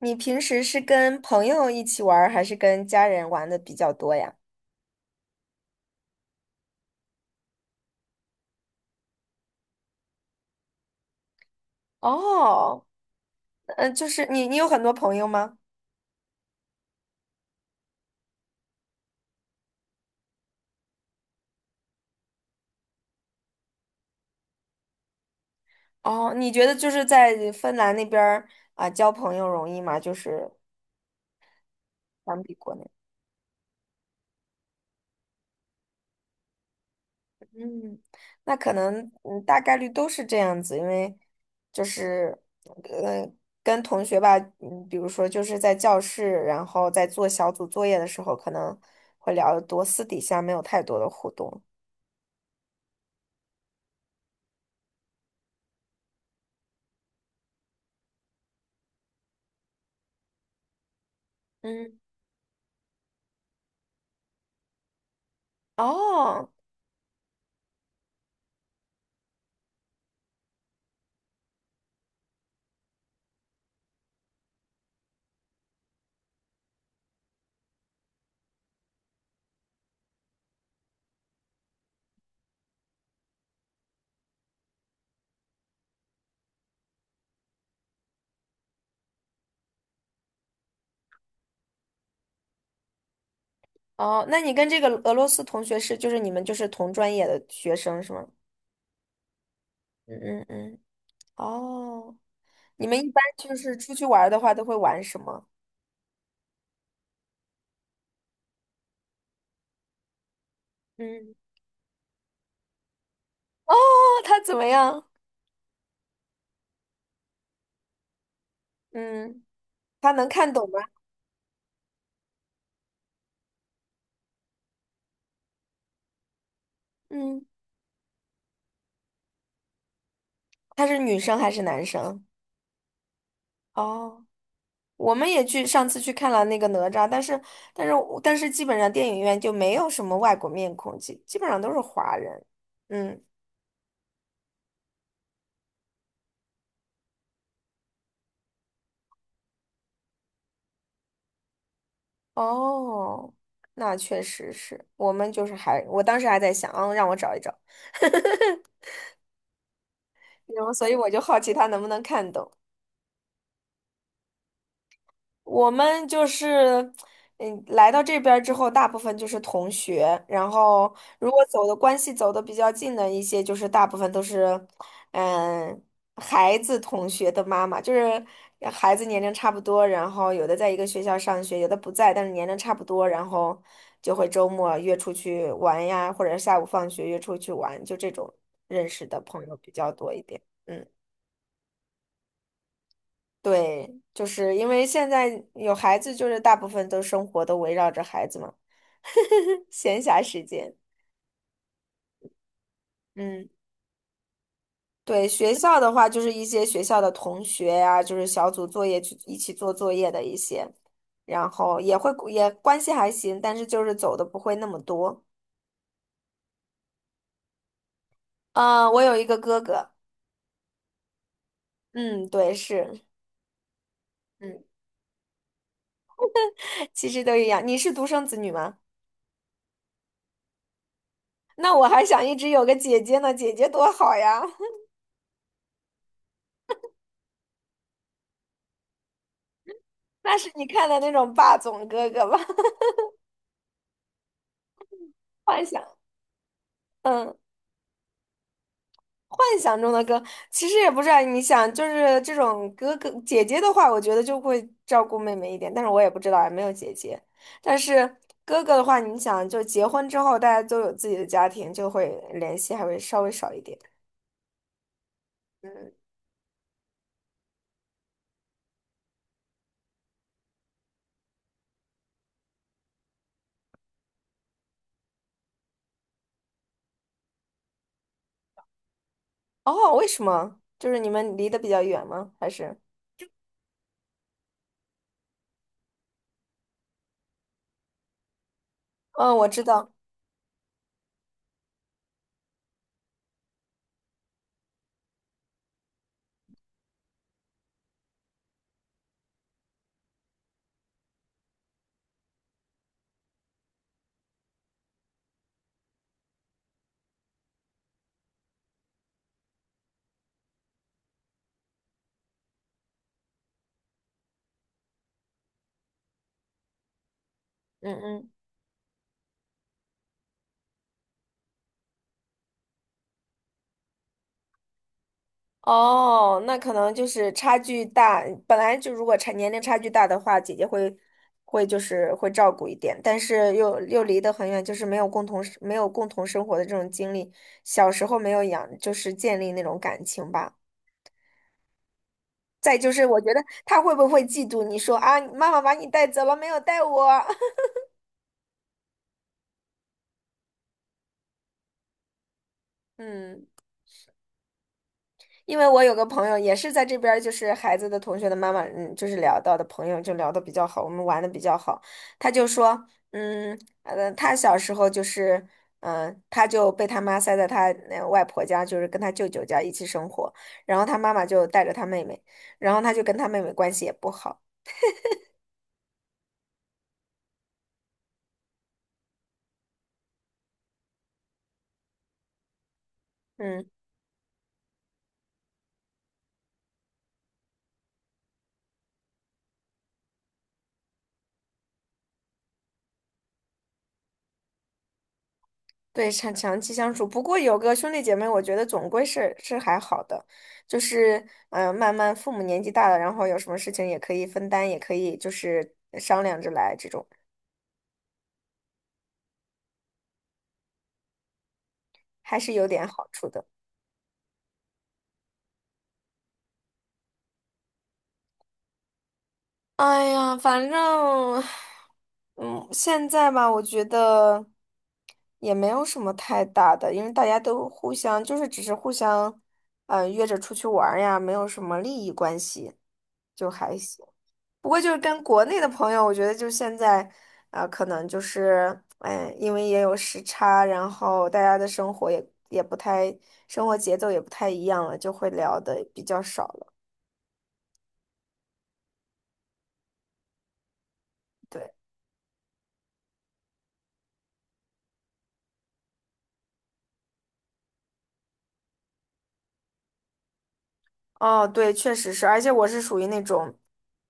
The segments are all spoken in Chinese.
你平时是跟朋友一起玩儿，还是跟家人玩的比较多呀？哦。就是你有很多朋友吗？哦，你觉得就是在芬兰那边儿，啊，交朋友容易吗？就是相比国内，嗯。那可能大概率都是这样子，因为就是呃跟同学吧，嗯，比如说就是在教室，然后在做小组作业的时候，可能会聊得多，私底下没有太多的互动。嗯。哦。哦，那你跟这个俄罗斯同学是，就是你们就是同专业的学生是吗？嗯嗯嗯。哦，你们一般就是出去玩儿的话都会玩什么？嗯。哦，他怎么样？嗯，他能看懂吗？嗯，他是女生还是男生？哦，我们也去上次去看了那个哪吒，但是但是基本上电影院就没有什么外国面孔，基本上都是华人。嗯。哦，那确实是，我们就是还，我当时还在想，嗯，让我找一找，然后所以我就好奇他能不能看懂。我们就是，嗯，来到这边儿之后，大部分就是同学，然后如果走的比较近的一些，就是大部分都是，嗯，孩子同学的妈妈，就是孩子年龄差不多，然后有的在一个学校上学，有的不在，但是年龄差不多，然后就会周末约出去玩呀，或者下午放学约出去玩，就这种认识的朋友比较多一点。嗯。对，就是因为现在有孩子，就是大部分都生活都围绕着孩子嘛，闲暇时间。嗯，对，学校的话，就是一些学校的同学呀、就是小组作业去一起做作业的一些，然后也会也关系还行，但是就是走的不会那么多。我有一个哥哥，嗯，对，是，嗯，其实都一样。你是独生子女吗？那我还想一直有个姐姐呢，姐姐多好呀。那是你看的那种霸总哥哥吧？幻想，嗯，幻想中的歌，其实也不是啊。你想，就是这种哥哥姐姐的话，我觉得就会照顾妹妹一点，但是我也不知道啊，也没有姐姐。但是哥哥的话，你想，就结婚之后，大家都有自己的家庭，就会联系还会稍微少一点。哦，为什么？就是你们离得比较远吗？还是？嗯，我知道。嗯嗯。哦，那可能就是差距大，本来就如果差年龄差距大的话，姐姐会就是会照顾一点，但是又离得很远，就是没有共同生活的这种经历，小时候没有养，就是建立那种感情吧。再就是我觉得他会不会嫉妒你说啊，妈妈把你带走了，没有带我？嗯。因为我有个朋友也是在这边儿，就是孩子的同学的妈妈，嗯，就是聊到的朋友就聊的比较好，我们玩的比较好。他就说，嗯，他小时候就是，嗯、他就被他妈塞在他那外婆家，就是跟他舅舅家一起生活，然后他妈妈就带着他妹妹，然后他就跟他妹妹关系也不好，嗯，对，长期相处，不过有个兄弟姐妹，我觉得总归是还好的，就是嗯、慢慢父母年纪大了，然后有什么事情也可以分担，也可以就是商量着来，这种还是有点好处的。哎呀，反正，嗯，现在吧，我觉得也没有什么太大的，因为大家都互相就是只是互相，嗯、约着出去玩儿呀，没有什么利益关系，就还行。不过就是跟国内的朋友，我觉得就现在，啊，可能就是，哎，因为也有时差，然后大家的生活也不太，生活节奏也不太一样了，就会聊的比较少了。对。哦，对，确实是，而且我是属于那种，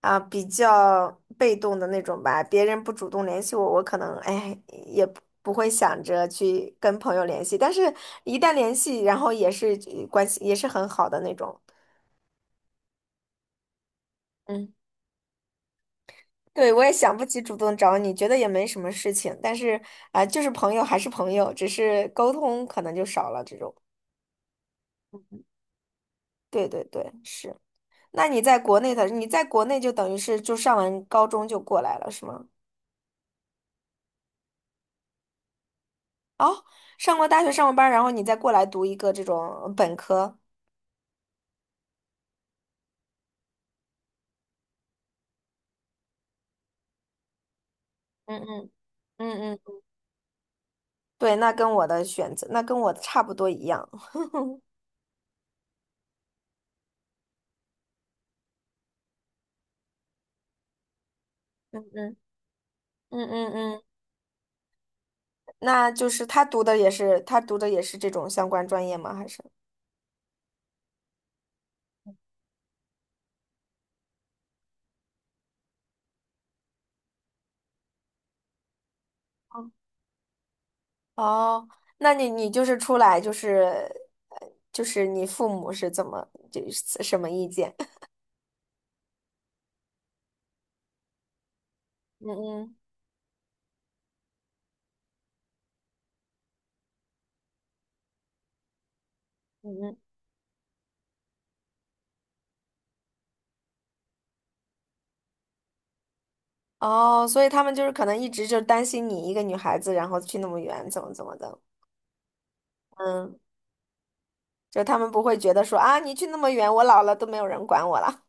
啊，比较被动的那种吧，别人不主动联系我，我可能，哎，也不不会想着去跟朋友联系，但是一旦联系，然后也是关系也是很好的那种。嗯。对，我也想不起主动找你，觉得也没什么事情，但是啊、就是朋友还是朋友，只是沟通可能就少了这种。对对对，是。那你在国内的，你在国内就等于是就上完高中就过来了，是吗？哦，上过大学，上过班儿然后你再过来读一个这种本科。嗯嗯嗯嗯，对，那跟我的选择，那跟我的差不多一样。嗯嗯嗯嗯嗯，那就是他读的也是，他读的也是这种相关专业吗？还是？哦，那你你就是出来就是就是你父母是怎么就是什么意见？嗯嗯嗯嗯。哦，所以他们就是可能一直就担心你一个女孩子，然后去那么远，怎么怎么的。嗯，就他们不会觉得说啊，你去那么远，我老了都没有人管我了。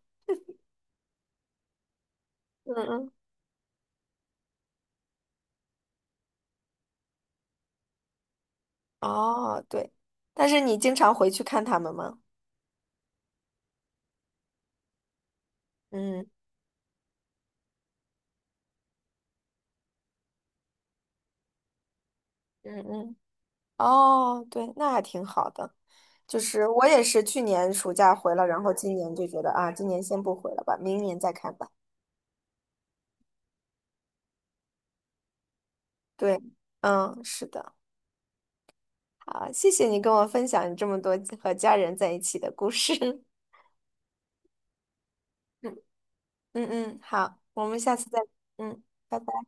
嗯嗯。哦，对，但是你经常回去看他们吗？嗯嗯嗯。哦，对，那还挺好的。就是我也是去年暑假回了，然后今年就觉得啊，今年先不回了吧，明年再看吧。对，嗯，是的，好，谢谢你跟我分享你这么多和家人在一起的故事。嗯嗯嗯，好，我们下次再，嗯，拜拜。